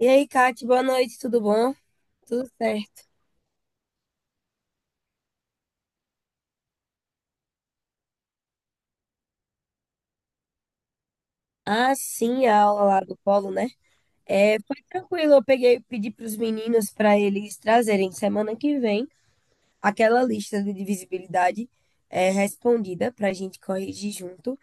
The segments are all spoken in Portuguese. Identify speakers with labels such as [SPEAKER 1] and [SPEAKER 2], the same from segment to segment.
[SPEAKER 1] E aí, Kate, boa noite, tudo bom? Tudo certo. Ah, sim, a aula lá do Polo, né? Foi tranquilo, eu peguei, pedi para os meninos para eles trazerem semana que vem aquela lista de divisibilidade, respondida para a gente corrigir junto.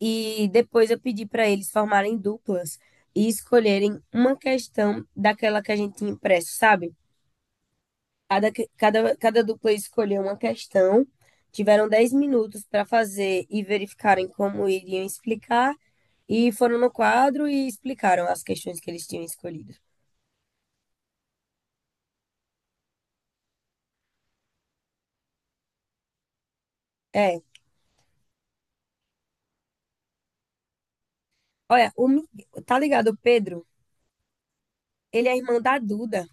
[SPEAKER 1] E depois eu pedi para eles formarem duplas e escolherem uma questão daquela que a gente tinha impresso, sabe? Cada dupla escolheu uma questão, tiveram 10 minutos para fazer e verificarem como iriam explicar, e foram no quadro e explicaram as questões que eles tinham escolhido. É, olha, tá ligado, o Pedro? Ele é irmão da Duda,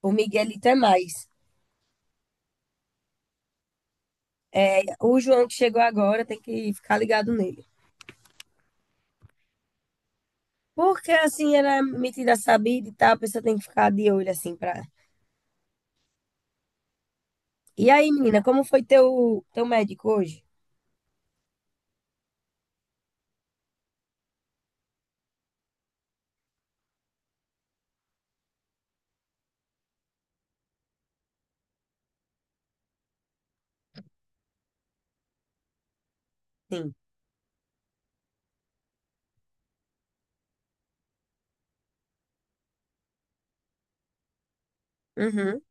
[SPEAKER 1] o Miguelito é mais. O João que chegou agora tem que ficar ligado nele. Porque assim, ele é metida sabida e tal, a pessoa tem que ficar de olho assim pra. E aí, menina, como foi teu médico hoje? Sim. Uhum,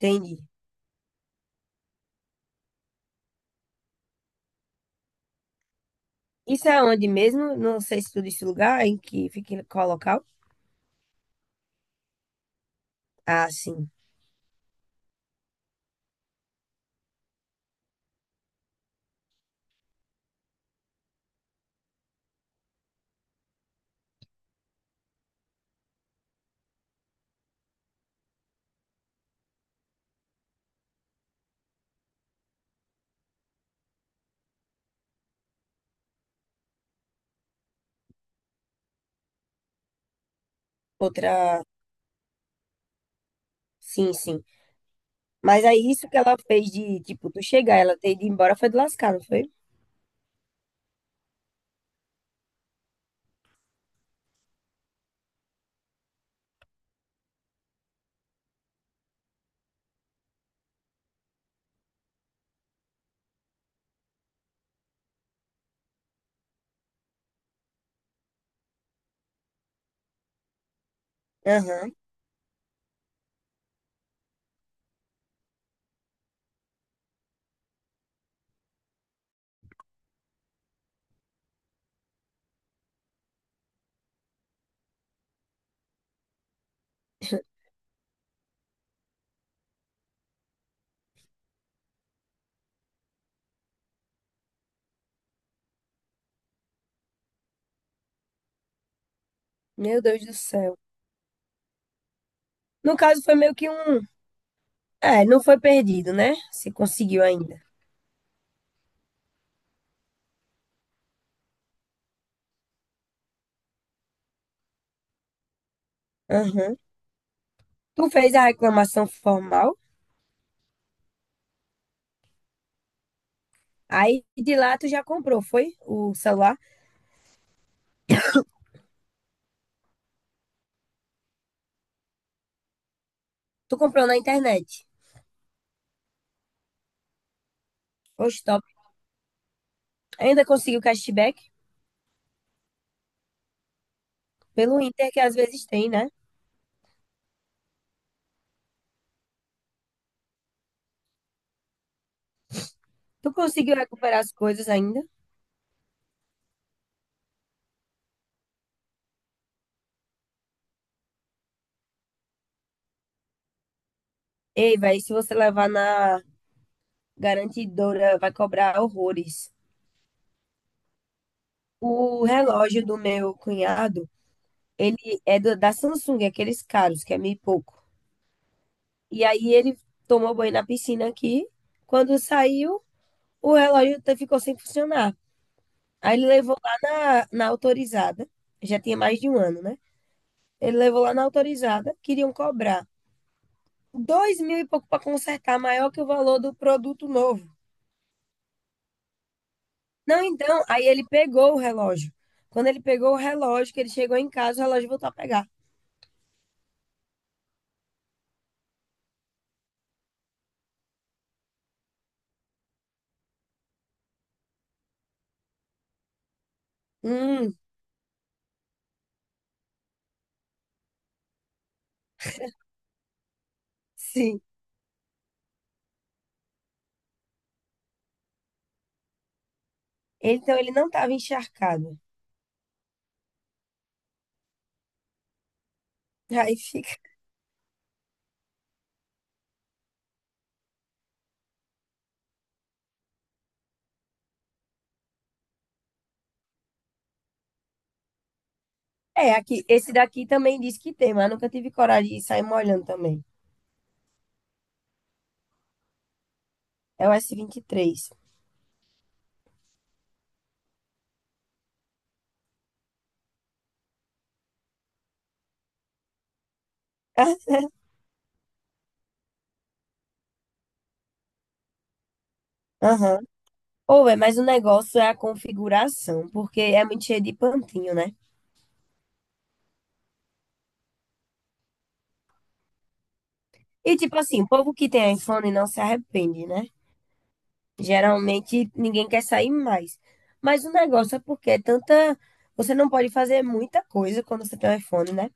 [SPEAKER 1] entendi. Isso é onde mesmo? Não sei se tu disse o lugar, em que fica, em qual local. Ah, sim. Outra. Sim, sim. Mas aí isso que ela fez de, tipo, tu chegar, ela ter ido embora foi de lascar, não foi? Aham. Meu Deus do céu. No caso, foi meio que um. É, não foi perdido, né? Se conseguiu ainda. Aham. Tu fez a reclamação formal, aí de lá tu já comprou, foi? O celular? Tu comprou na internet. Poxa, top. Ainda conseguiu cashback pelo Inter, que às vezes tem, né? Tu conseguiu recuperar as coisas ainda? Ei, velho, se você levar na garantidora, vai cobrar horrores. O relógio do meu cunhado, ele é da Samsung, aqueles caros, que é mil e pouco. E aí ele tomou banho na piscina aqui. Quando saiu, o relógio ficou sem funcionar. Aí ele levou lá na autorizada, já tinha mais de um ano, né? Ele levou lá na autorizada, queriam cobrar dois mil e pouco para consertar, maior que o valor do produto novo. Não, então, aí ele pegou o relógio. Quando ele pegou o relógio, que ele chegou em casa, o relógio voltou a pegar. Hum, sim. Então ele não estava encharcado. Aí fica. É, aqui, esse daqui também diz que tem, mas eu nunca tive coragem de sair molhando também. É o S23, vinte e três. Aham. Ou é, mas o negócio é a configuração, porque é muito cheio de pantinho, né? E tipo assim, o povo que tem iPhone não se arrepende, né? Geralmente ninguém quer sair mais. Mas o negócio é porque é tanta. Você não pode fazer muita coisa quando você tem um iPhone, né?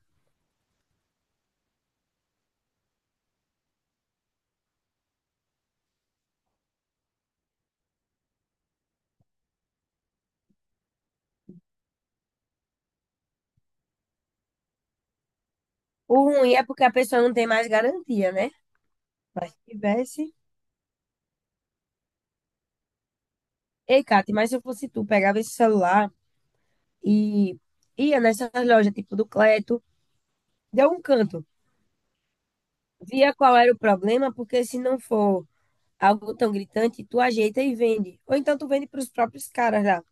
[SPEAKER 1] O ruim é porque a pessoa não tem mais garantia, né? Mas se tivesse. Ei, Kate, mas se eu fosse tu, pegava esse celular e ia nessas lojas, tipo do Cleto, deu um canto. Via qual era o problema, porque se não for algo tão gritante, tu ajeita e vende. Ou então tu vende para os próprios caras lá.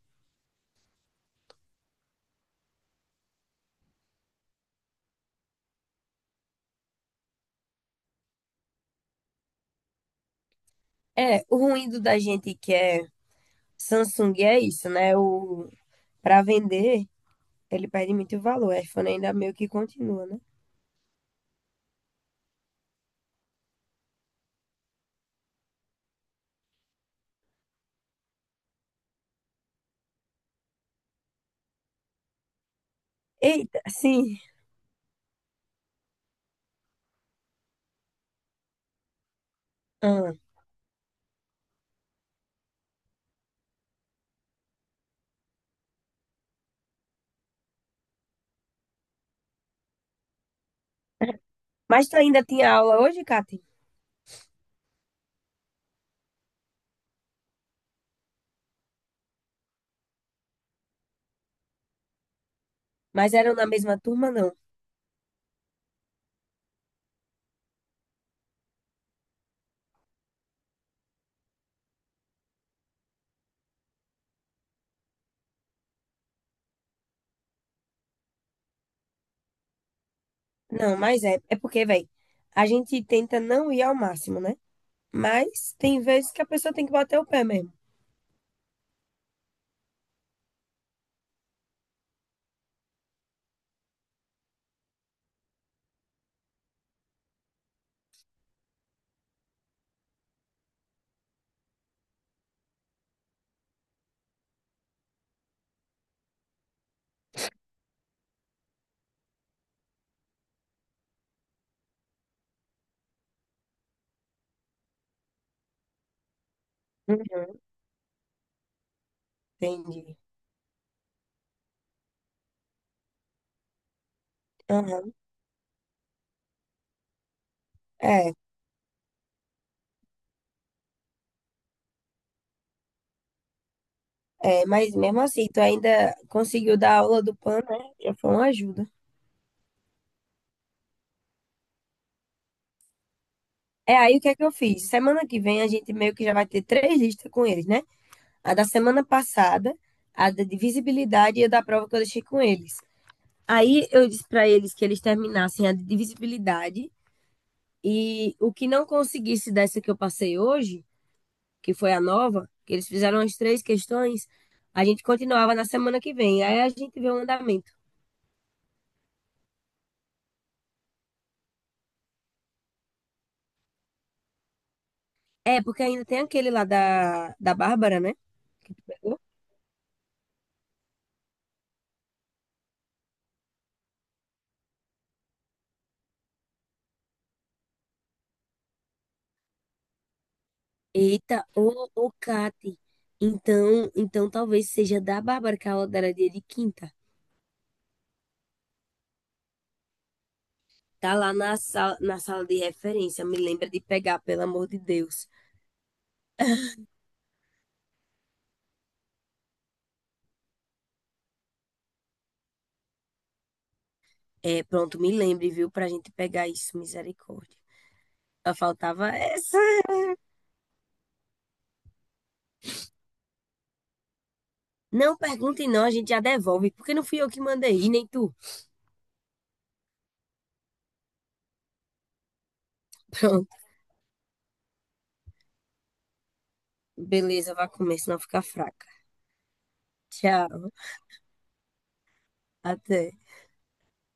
[SPEAKER 1] É, o ruim do da gente que é Samsung é isso, né? O Para vender, ele perde muito valor. O iPhone ainda meio que continua, né? Eita, sim. Ah. Mas tu ainda tinha aula hoje, Kati? Mas eram na mesma turma, não? Não, mas é. É porque, velho, a gente tenta não ir ao máximo, né? Mas tem vezes que a pessoa tem que bater o pé mesmo. Uhum, entendi. Aham. É, mas mesmo assim, tu ainda conseguiu dar aula do PAN, né? Já foi uma ajuda. É, aí o que é que eu fiz? Semana que vem a gente meio que já vai ter três listas com eles, né? A da semana passada, a da de visibilidade e a da prova que eu deixei com eles. Aí eu disse para eles que eles terminassem a de visibilidade, e o que não conseguisse dessa que eu passei hoje, que foi a nova, que eles fizeram as três questões, a gente continuava na semana que vem. Aí a gente vê o andamento. É, porque ainda tem aquele lá da Bárbara, né? Que tu pegou. Eita, ô, ô, Cate. Então, talvez seja da Bárbara, que a aula dela é dia de quinta. Tá lá na sala de referência. Me lembra de pegar, pelo amor de Deus. É, pronto, me lembre, viu? Pra gente pegar isso, misericórdia. Só faltava essa. Não perguntem, não, a gente já devolve, porque não fui eu que mandei, nem tu. Pronto, beleza, vai comer, senão fica fraca. Tchau, até.